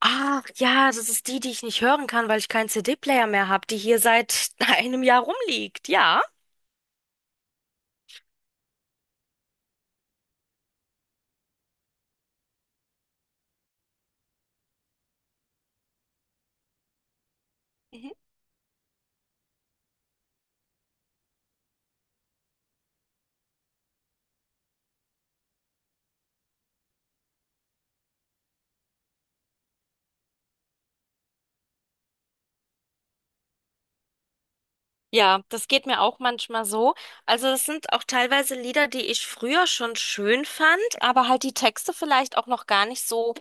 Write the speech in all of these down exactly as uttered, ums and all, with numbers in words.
Ach ja, das ist die, die ich nicht hören kann, weil ich keinen C D-Player mehr habe, die hier seit einem Jahr rumliegt. Ja. Mhm. Ja, das geht mir auch manchmal so. Also das sind auch teilweise Lieder, die ich früher schon schön fand, aber halt die Texte vielleicht auch noch gar nicht so,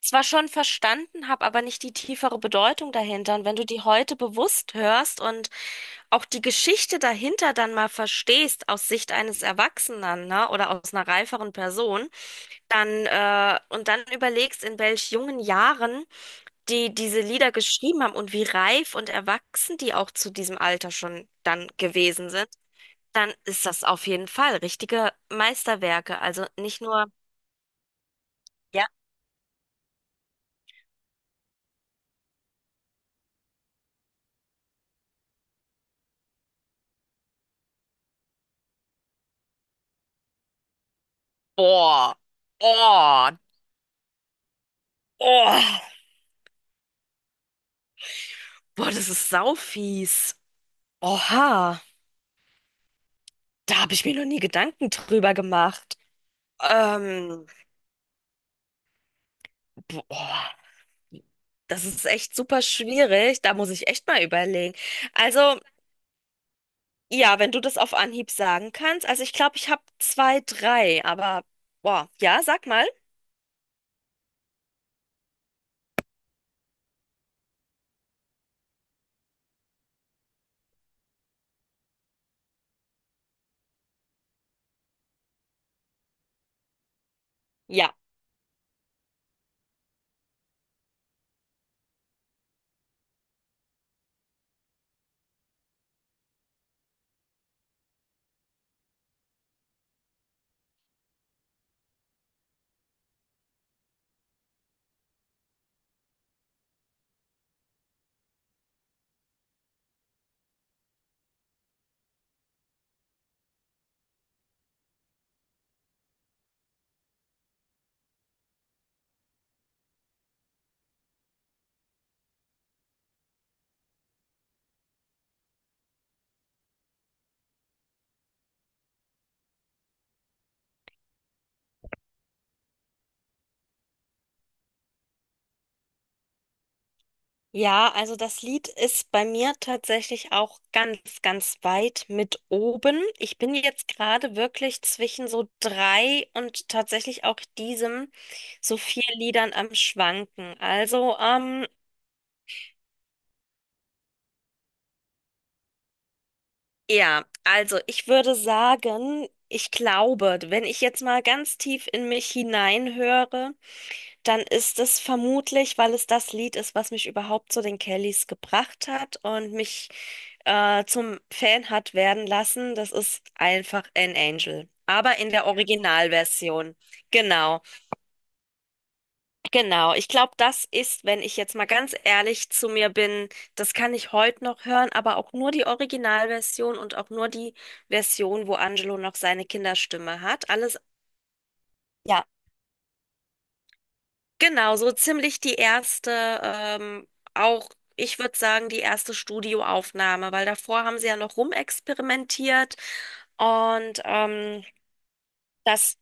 zwar schon verstanden habe, aber nicht die tiefere Bedeutung dahinter. Und wenn du die heute bewusst hörst und auch die Geschichte dahinter dann mal verstehst aus Sicht eines Erwachsenen, ne, oder aus einer reiferen Person, dann äh, und dann überlegst, in welch jungen Jahren die diese Lieder geschrieben haben und wie reif und erwachsen die auch zu diesem Alter schon dann gewesen sind, dann ist das auf jeden Fall richtige Meisterwerke. Also nicht nur, ja, boah, oh, oh, boah, das ist saufies. Oha, da habe ich mir noch nie Gedanken drüber gemacht. Ähm, boah. Das ist echt super schwierig. Da muss ich echt mal überlegen. Also, ja, wenn du das auf Anhieb sagen kannst. Also ich glaube, ich habe zwei, drei, aber boah, ja, sag mal. Ja. Ja, also das Lied ist bei mir tatsächlich auch ganz, ganz weit mit oben. Ich bin jetzt gerade wirklich zwischen so drei und tatsächlich auch diesem so vier Liedern am Schwanken. Also, ähm, ja, also ich würde sagen, ich glaube, wenn ich jetzt mal ganz tief in mich hineinhöre, dann ist es vermutlich, weil es das Lied ist, was mich überhaupt zu den Kellys gebracht hat und mich äh, zum Fan hat werden lassen. Das ist einfach An Angel. Aber in der Originalversion. Genau, genau. Ich glaube, das ist, wenn ich jetzt mal ganz ehrlich zu mir bin, das kann ich heute noch hören, aber auch nur die Originalversion und auch nur die Version, wo Angelo noch seine Kinderstimme hat. Alles. Ja. Genau, so ziemlich die erste, ähm, auch ich würde sagen, die erste Studioaufnahme, weil davor haben sie ja noch rumexperimentiert und ähm, das,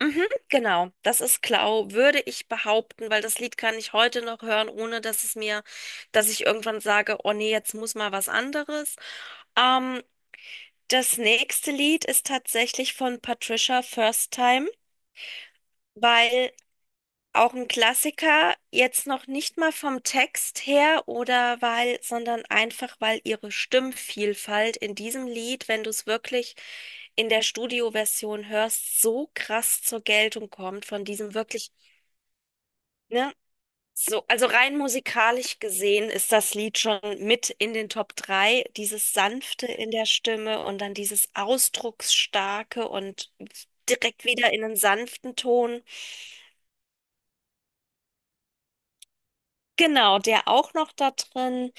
mhm, genau, das ist Klau, würde ich behaupten, weil das Lied kann ich heute noch hören, ohne dass es mir, dass ich irgendwann sage, oh nee, jetzt muss mal was anderes. Ähm, das nächste Lied ist tatsächlich von Patricia First Time. Weil auch ein Klassiker, jetzt noch nicht mal vom Text her oder weil, sondern einfach, weil ihre Stimmvielfalt in diesem Lied, wenn du es wirklich in der Studioversion hörst, so krass zur Geltung kommt von diesem wirklich, ne? So, also rein musikalisch gesehen ist das Lied schon mit in den Top drei. Dieses Sanfte in der Stimme und dann dieses Ausdrucksstarke und direkt wieder in einen sanften Ton. Genau, der auch noch da drin.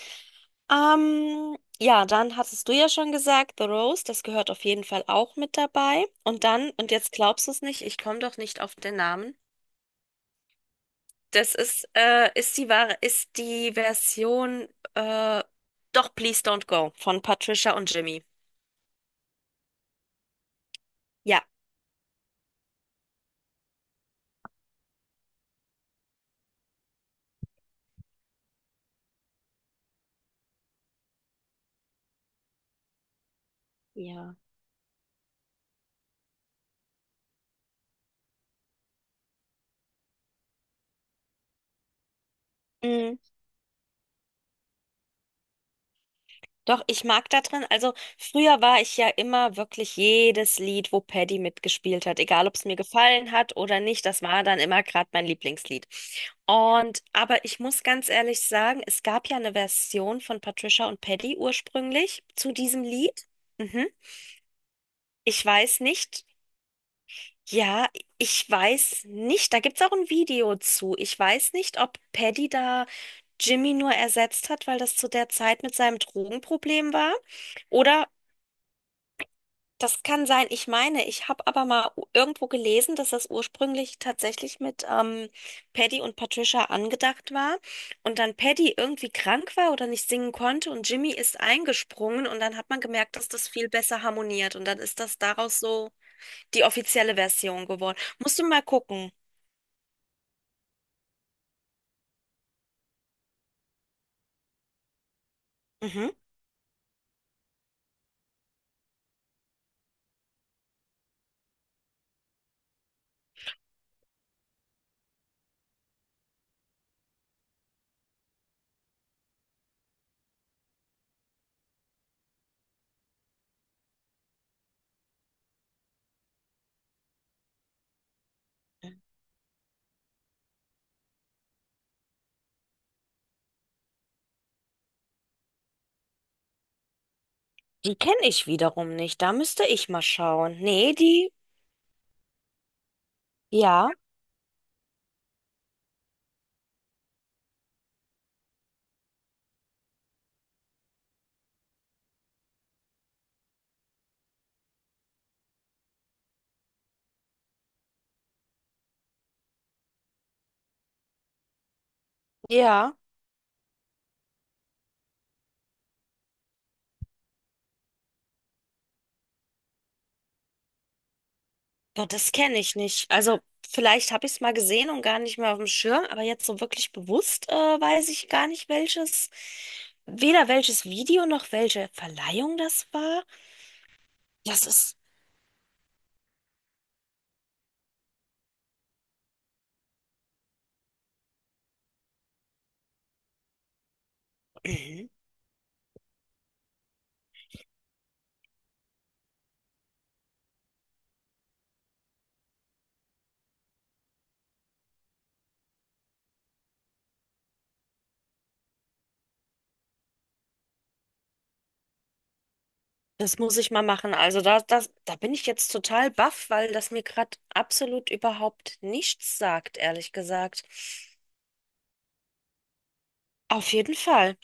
Ähm, ja, dann hattest du ja schon gesagt, The Rose, das gehört auf jeden Fall auch mit dabei. Und dann, und jetzt glaubst du es nicht, ich komme doch nicht auf den Namen. Das ist, äh, ist die wahre, ist die Version, äh, doch Please Don't Go von Patricia und Jimmy. Ja. Ja. Doch, ich mag da drin, also früher war ich ja immer wirklich jedes Lied, wo Paddy mitgespielt hat, egal ob es mir gefallen hat oder nicht, das war dann immer gerade mein Lieblingslied. Und, aber ich muss ganz ehrlich sagen, es gab ja eine Version von Patricia und Paddy ursprünglich zu diesem Lied. Mhm. Ich weiß nicht, ja, ich weiß nicht, da gibt's auch ein Video zu. Ich weiß nicht, ob Paddy da Jimmy nur ersetzt hat, weil das zu der Zeit mit seinem Drogenproblem war. Oder das kann sein. Ich meine, ich habe aber mal u- irgendwo gelesen, dass das ursprünglich tatsächlich mit ähm, Paddy und Patricia angedacht war und dann Paddy irgendwie krank war oder nicht singen konnte und Jimmy ist eingesprungen und dann hat man gemerkt, dass das viel besser harmoniert und dann ist das daraus so die offizielle Version geworden. Musst du mal gucken. Mhm. Die kenne ich wiederum nicht. Da müsste ich mal schauen. Nee, die. Ja, ja. Boah, das kenne ich nicht. Also vielleicht habe ich es mal gesehen und gar nicht mehr auf dem Schirm, aber jetzt so wirklich bewusst äh, weiß ich gar nicht, welches, weder welches Video noch welche Verleihung das war. Das ist, mhm. Das muss ich mal machen. Also da, das, da bin ich jetzt total baff, weil das mir gerade absolut überhaupt nichts sagt, ehrlich gesagt. Auf jeden Fall.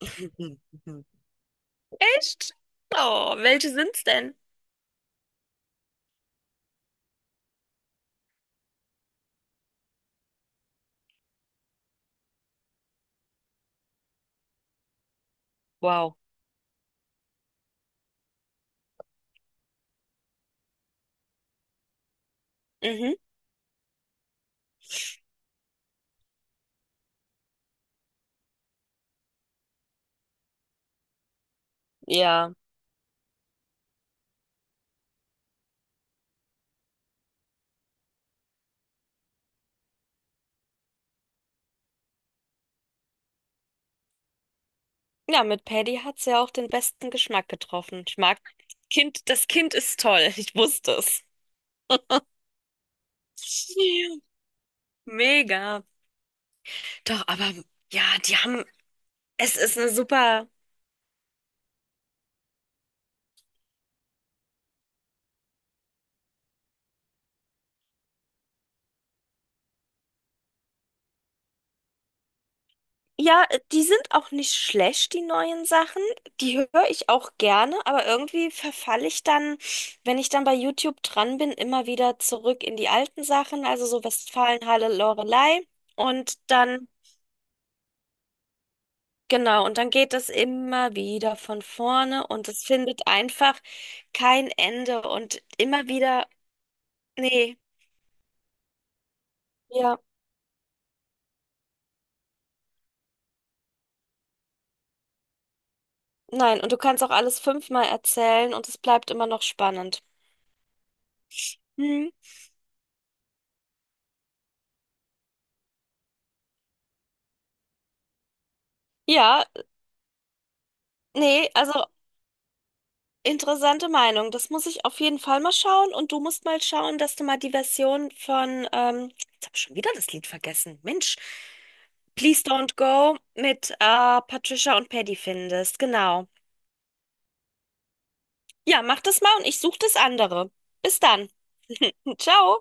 Echt? Oh, welche sind's denn? Wow. Mhm. Ja. Ja, mit Paddy hat's ja auch den besten Geschmack getroffen. Ich mag Kind, das Kind ist toll. Ich wusste es. Ja, mega. Doch, aber ja, die haben, es ist eine super. Ja, die sind auch nicht schlecht, die neuen Sachen. Die höre ich auch gerne, aber irgendwie verfalle ich dann, wenn ich dann bei YouTube dran bin, immer wieder zurück in die alten Sachen, also so Westfalenhalle, Loreley. Und dann genau, und dann geht es immer wieder von vorne und es findet einfach kein Ende und immer wieder, nee, ja, nein, und du kannst auch alles fünfmal erzählen und es bleibt immer noch spannend. Hm. Ja, nee, also interessante Meinung. Das muss ich auf jeden Fall mal schauen und du musst mal schauen, dass du mal die Version von, ähm, jetzt habe ich schon wieder das Lied vergessen, Mensch, Please Don't Go mit äh, Patricia und Paddy findest, genau. Ja, mach das mal und ich suche das andere. Bis dann. Ciao.